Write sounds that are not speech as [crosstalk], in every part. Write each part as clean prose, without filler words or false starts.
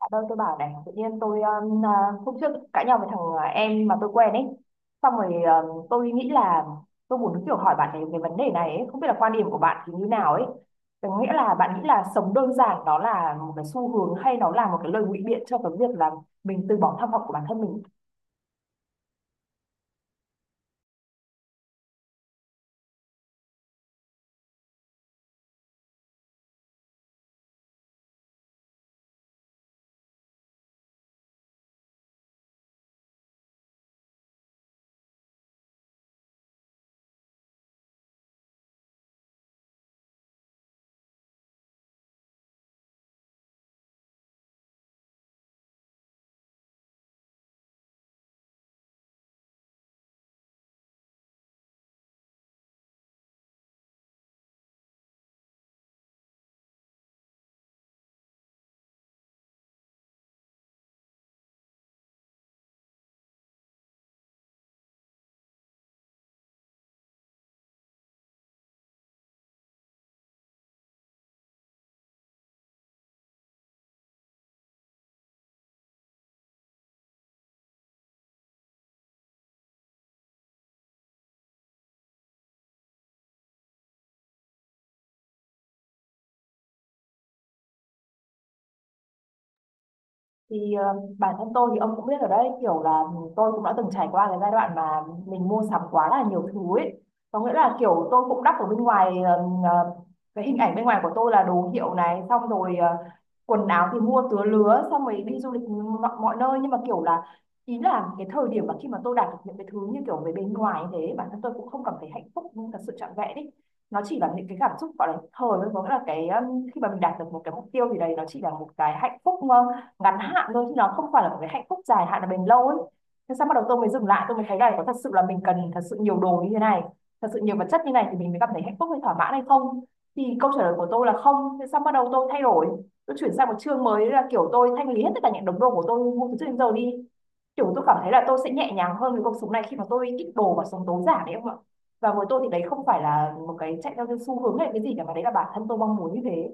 Dạ đâu tôi bảo này tự nhiên tôi hôm trước cãi nhau với em mà tôi quen ấy. Xong rồi, tôi nghĩ là tôi muốn kiểu hỏi bạn ấy về vấn đề này ấy. Không biết là quan điểm của bạn thì như nào ấy, có nghĩa là bạn nghĩ là sống đơn giản đó là một cái xu hướng hay nó là một cái lời ngụy biện cho cái việc là mình từ bỏ tham vọng của bản thân mình. Thì, bản thân tôi thì ông cũng biết ở đấy, kiểu là tôi cũng đã từng trải qua cái giai đoạn mà mình mua sắm quá là nhiều thứ ấy. Có nghĩa là kiểu tôi cũng đắp ở bên ngoài, ờ, cái hình ảnh bên ngoài của tôi là đồ hiệu này, xong rồi quần áo thì mua tứa lứa, xong rồi đi du lịch mọi nơi, nhưng mà kiểu là ý là cái thời điểm mà khi mà tôi đạt được những cái thứ như kiểu về bên ngoài như thế, bản thân tôi cũng không cảm thấy hạnh phúc nhưng thật sự trọn vẹn ấy. Nó chỉ là những cái cảm xúc gọi là thời thôi, có nghĩa là cái, khi mà mình đạt được một cái mục tiêu thì đấy nó chỉ là một cái hạnh phúc ngắn hạn thôi, chứ nó không phải là một cái hạnh phúc dài hạn là bền lâu ấy. Thế sao bắt đầu tôi mới dừng lại, tôi mới thấy là có thật sự là mình cần thật sự nhiều đồ như thế này, thật sự nhiều vật chất như này thì mình mới cảm thấy hạnh phúc hay thỏa mãn hay không. Thì câu trả lời của tôi là không. Thế sao bắt đầu tôi thay đổi, tôi chuyển sang một chương mới, là kiểu tôi thanh lý hết tất cả những đống đồ của tôi mua từ trước đến giờ đi. Kiểu tôi cảm thấy là tôi sẽ nhẹ nhàng hơn với cuộc sống này khi mà tôi ít đồ và sống tối giản đấy không ạ. Và với tôi thì đấy không phải là một cái chạy theo cái xu hướng hay cái gì cả, mà đấy là bản thân tôi mong muốn như thế.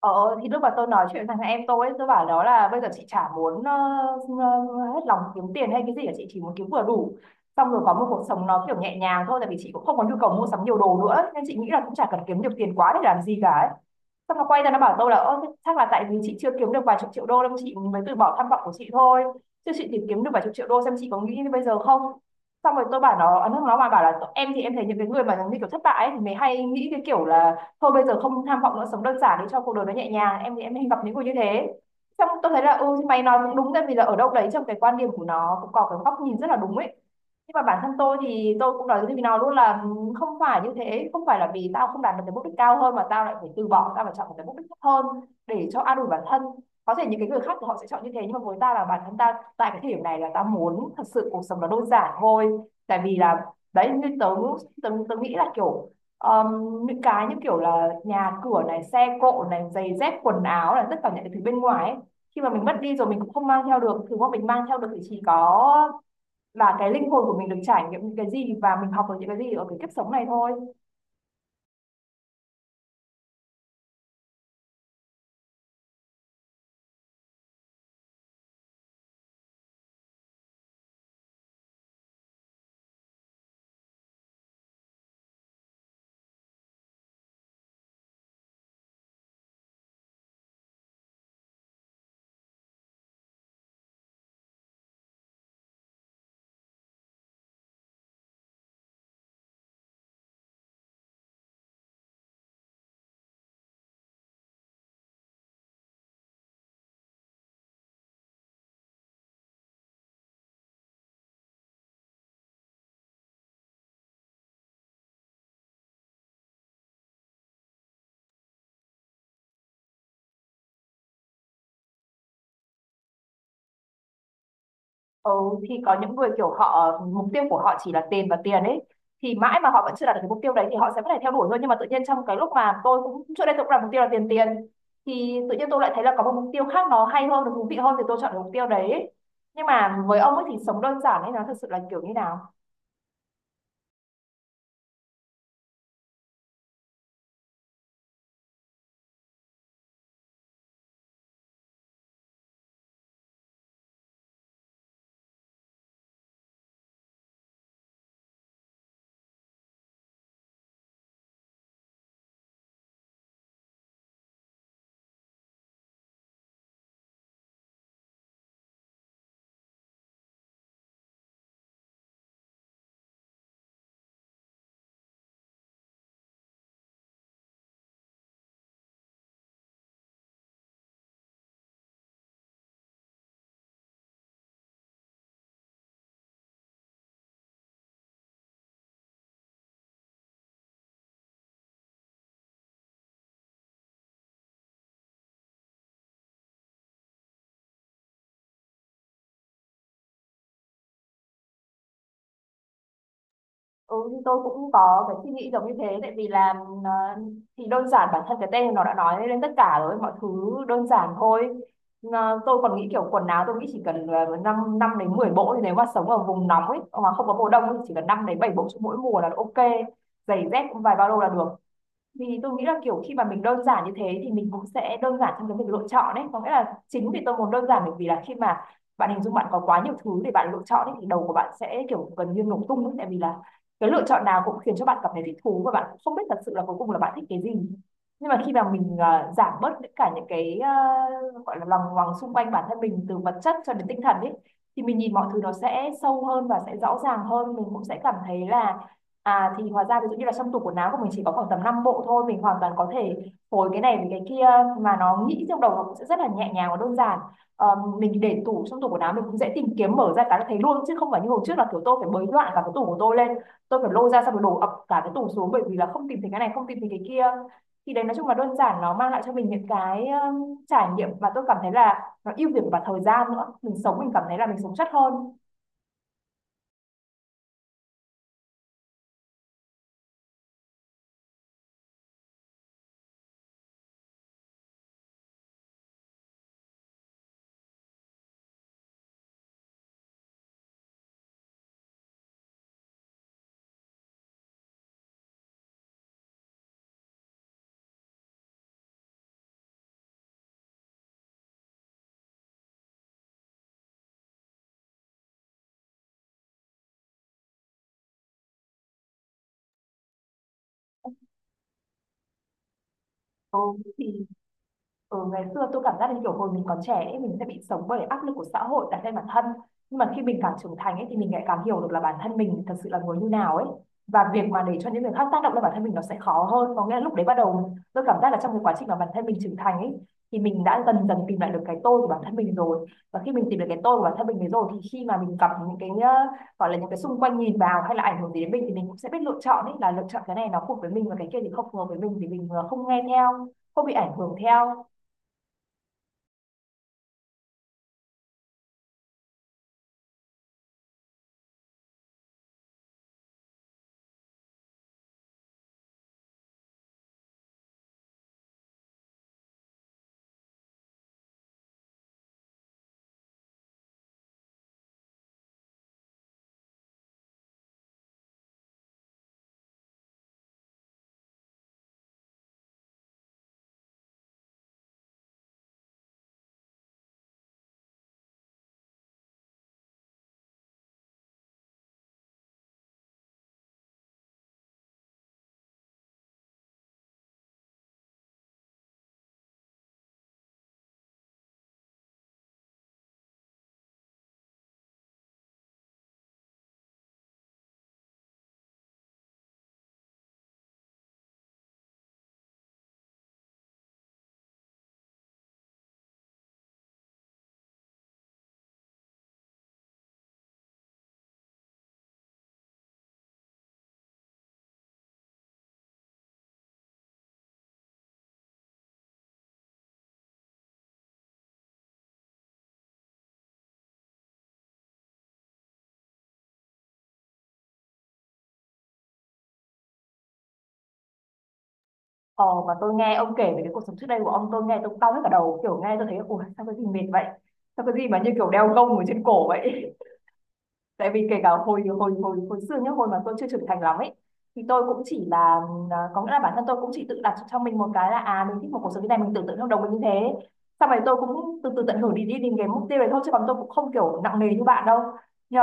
Ờ thì lúc mà tôi nói chuyện với thằng em tôi ấy, tôi bảo nó là bây giờ chị chả muốn ờ, hết lòng kiếm tiền hay cái gì cả, chị chỉ muốn kiếm vừa đủ, xong rồi có một cuộc sống nó kiểu nhẹ nhàng thôi, tại vì chị cũng không có nhu cầu mua sắm nhiều đồ nữa nên chị nghĩ là cũng chả cần kiếm nhiều tiền quá để làm gì cả ấy. Xong nó quay ra nó bảo tôi là ơ thế chắc là tại vì chị chưa kiếm được vài chục triệu đô nên chị mới từ bỏ tham vọng của chị thôi, chứ chị tìm kiếm được vài chục triệu đô xem chị có nghĩ như bây giờ không. Xong rồi tôi bảo nó. Nó mà bảo là em thì em thấy những cái người mà như kiểu thất bại ấy, thì mới hay nghĩ cái kiểu là thôi bây giờ không tham vọng nữa, sống đơn giản đi cho cuộc đời nó nhẹ nhàng, em thì em hay gặp những người như thế. Xong tôi thấy là ừ thì mày nói cũng đúng, tại vì là ở đâu đấy trong cái quan điểm của nó cũng có cái góc nhìn rất là đúng ấy, nhưng mà bản thân tôi thì tôi cũng nói với nó luôn là ừ, không phải như thế, không phải là vì tao không đạt được cái mục đích cao hơn mà tao lại phải từ bỏ, tao phải chọn một cái mục đích thấp hơn để cho an ủi bản thân. Có thể những cái người khác thì họ sẽ chọn như thế, nhưng mà với ta là bản thân ta tại cái thời điểm này là ta muốn thật sự cuộc sống nó đơn giản thôi. Tại vì là đấy, như tớ tớ, tớ nghĩ là kiểu, Ờm, những cái như kiểu là nhà cửa này, xe cộ này, giày dép quần áo là tất cả những cái thứ bên ngoài ấy. Khi mà mình mất đi rồi mình cũng không mang theo được, thứ mà mình mang theo được thì chỉ có là cái linh hồn của mình được trải nghiệm những cái gì và mình học được những cái gì ở cái kiếp sống này thôi. Ừ, thì có những người kiểu họ mục tiêu của họ chỉ là tiền và tiền ấy, thì mãi mà họ vẫn chưa đạt được cái mục tiêu đấy thì họ sẽ vẫn phải theo đuổi thôi. Nhưng mà tự nhiên trong cái lúc mà tôi cũng trước đây tôi cũng đặt mục tiêu là tiền tiền, thì tự nhiên tôi lại thấy là có một mục tiêu khác nó hay hơn, nó thú vị hơn, thì tôi chọn cái mục tiêu đấy ấy. Nhưng mà với ông ấy thì sống đơn giản ấy nó thật sự là kiểu như nào? Ừ, thì tôi cũng có cái suy nghĩ giống như thế, tại vì là ờ, thì đơn giản bản thân cái tên nó đã nói lên tất cả rồi, mọi thứ đơn giản thôi. Tôi còn nghĩ kiểu quần áo tôi nghĩ chỉ cần năm đến 10 bộ, thì nếu mà sống ở vùng nóng ấy mà không có mùa đông thì chỉ cần 5 đến 7 bộ cho mỗi mùa là ok. Giày dép cũng vài ba lô là được, vì tôi nghĩ là kiểu khi mà mình đơn giản như thế thì mình cũng sẽ đơn giản trong cái việc lựa chọn đấy. Có nghĩa là chính vì tôi muốn đơn giản bởi vì là khi mà bạn hình dung bạn có quá nhiều thứ để bạn lựa chọn ấy, thì đầu của bạn sẽ kiểu gần như nổ tung ấy. Tại vì là cái lựa chọn nào cũng khiến cho bạn cảm thấy thích thú và bạn cũng không biết thật sự là cuối cùng là bạn thích cái gì. Nhưng mà khi mà mình giảm bớt tất cả những cái, gọi là lòng ngoằng xung quanh bản thân mình từ vật chất cho đến tinh thần ấy, thì mình nhìn mọi thứ nó sẽ sâu hơn và sẽ rõ ràng hơn. Mình cũng sẽ cảm thấy là à, thì hóa ra ví dụ như là trong tủ quần áo của mình chỉ có khoảng tầm 5 bộ thôi, mình hoàn toàn có thể phối cái này với cái kia. Mà nó nghĩ trong đầu nó cũng sẽ rất là nhẹ nhàng và đơn giản. Mình để tủ, trong tủ quần áo mình cũng dễ tìm kiếm, mở ra cái là thấy luôn, chứ không phải như hồi trước là kiểu tôi phải bới loạn cả cái tủ của tôi lên. Tôi phải lôi ra xong rồi đổ ập cả cái tủ xuống, bởi vì là không tìm thấy cái này, không tìm thấy cái kia. Thì đấy, nói chung là đơn giản nó mang lại cho mình những cái trải nghiệm mà tôi cảm thấy là nó ưu việt cả thời gian nữa. Mình sống mình cảm thấy là mình sống chất hơn. Ừ, thì ừ, ngày xưa tôi cảm giác như kiểu hồi mình còn trẻ ấy, mình sẽ bị sống bởi áp lực của xã hội đặt lên bản thân, nhưng mà khi mình càng trưởng thành ấy, thì mình lại càng hiểu được là bản thân mình thật sự là người như nào ấy, và việc mà để cho những người khác tác động lên bản thân mình nó sẽ khó hơn. Có nghĩa là lúc đấy bắt đầu tôi cảm giác là trong cái quá trình mà bản thân mình trưởng thành ấy, thì mình đã dần dần tìm lại được cái tôi của bản thân mình rồi, và khi mình tìm được cái tôi của bản thân mình rồi thì khi mà mình gặp những cái, gọi là những cái xung quanh nhìn vào hay là ảnh hưởng gì đến mình, thì mình cũng sẽ biết lựa chọn ấy, là lựa chọn cái này nó phù hợp với mình và cái kia thì không phù hợp với mình, thì mình không nghe theo, không bị ảnh hưởng theo. Ờ, mà tôi nghe ông kể về cái cuộc sống trước đây của ông, tôi nghe tôi cong hết cả đầu, kiểu nghe tôi thấy ủa sao cái gì mệt vậy, sao cái gì mà như kiểu đeo gông ở trên cổ vậy. Tại vì kể cả hồi hồi hồi hồi xưa nhá, hồi mà tôi chưa trưởng thành lắm ấy, thì tôi cũng chỉ là có nghĩa là bản thân tôi cũng chỉ tự đặt cho mình một cái là mình thích một cuộc sống như này, mình tưởng tượng trong đầu mình như thế. Sau này tôi cũng từ từ tận hưởng đi đi đến cái mục tiêu này thôi, chứ còn tôi cũng không kiểu nặng nề như bạn đâu. nhưng,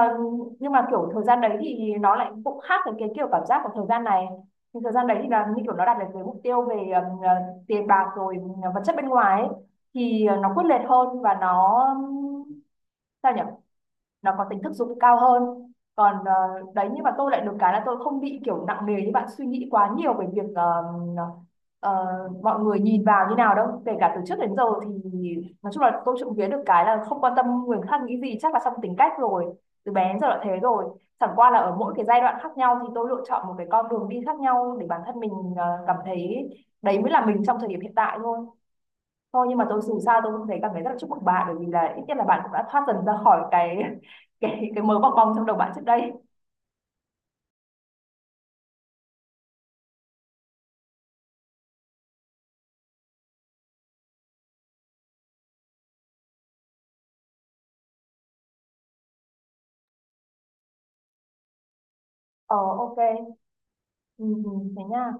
nhưng mà kiểu thời gian đấy thì nó lại cũng khác với cái kiểu cảm giác của thời gian này. Thì thời gian đấy thì là như kiểu nó đạt được cái mục tiêu về tiền bạc rồi, vật chất bên ngoài ấy, thì nó quyết liệt hơn và nó, sao nhỉ, nó có tính thực dụng cao hơn. Còn đấy, nhưng mà tôi lại được cái là tôi không bị kiểu nặng nề như bạn suy nghĩ quá nhiều về việc ờ, mọi người nhìn vào như nào đâu, kể cả từ trước đến giờ. Thì nói chung là tôi trộm vía được cái là không quan tâm người khác nghĩ gì, chắc là trong tính cách rồi, từ bé đến giờ là thế rồi. Chẳng qua là ở mỗi cái giai đoạn khác nhau thì tôi lựa chọn một cái con đường đi khác nhau để bản thân mình cảm thấy đấy mới là mình trong thời điểm hiện tại thôi. Thôi nhưng mà tôi dù sao tôi cũng cảm thấy rất là chúc mừng bạn, bởi vì là ít nhất là bạn cũng đã thoát dần ra khỏi cái [laughs] cái mớ bong bong trong đầu bạn trước đây. Ờ, ok. Ừ, ừ, thế nha.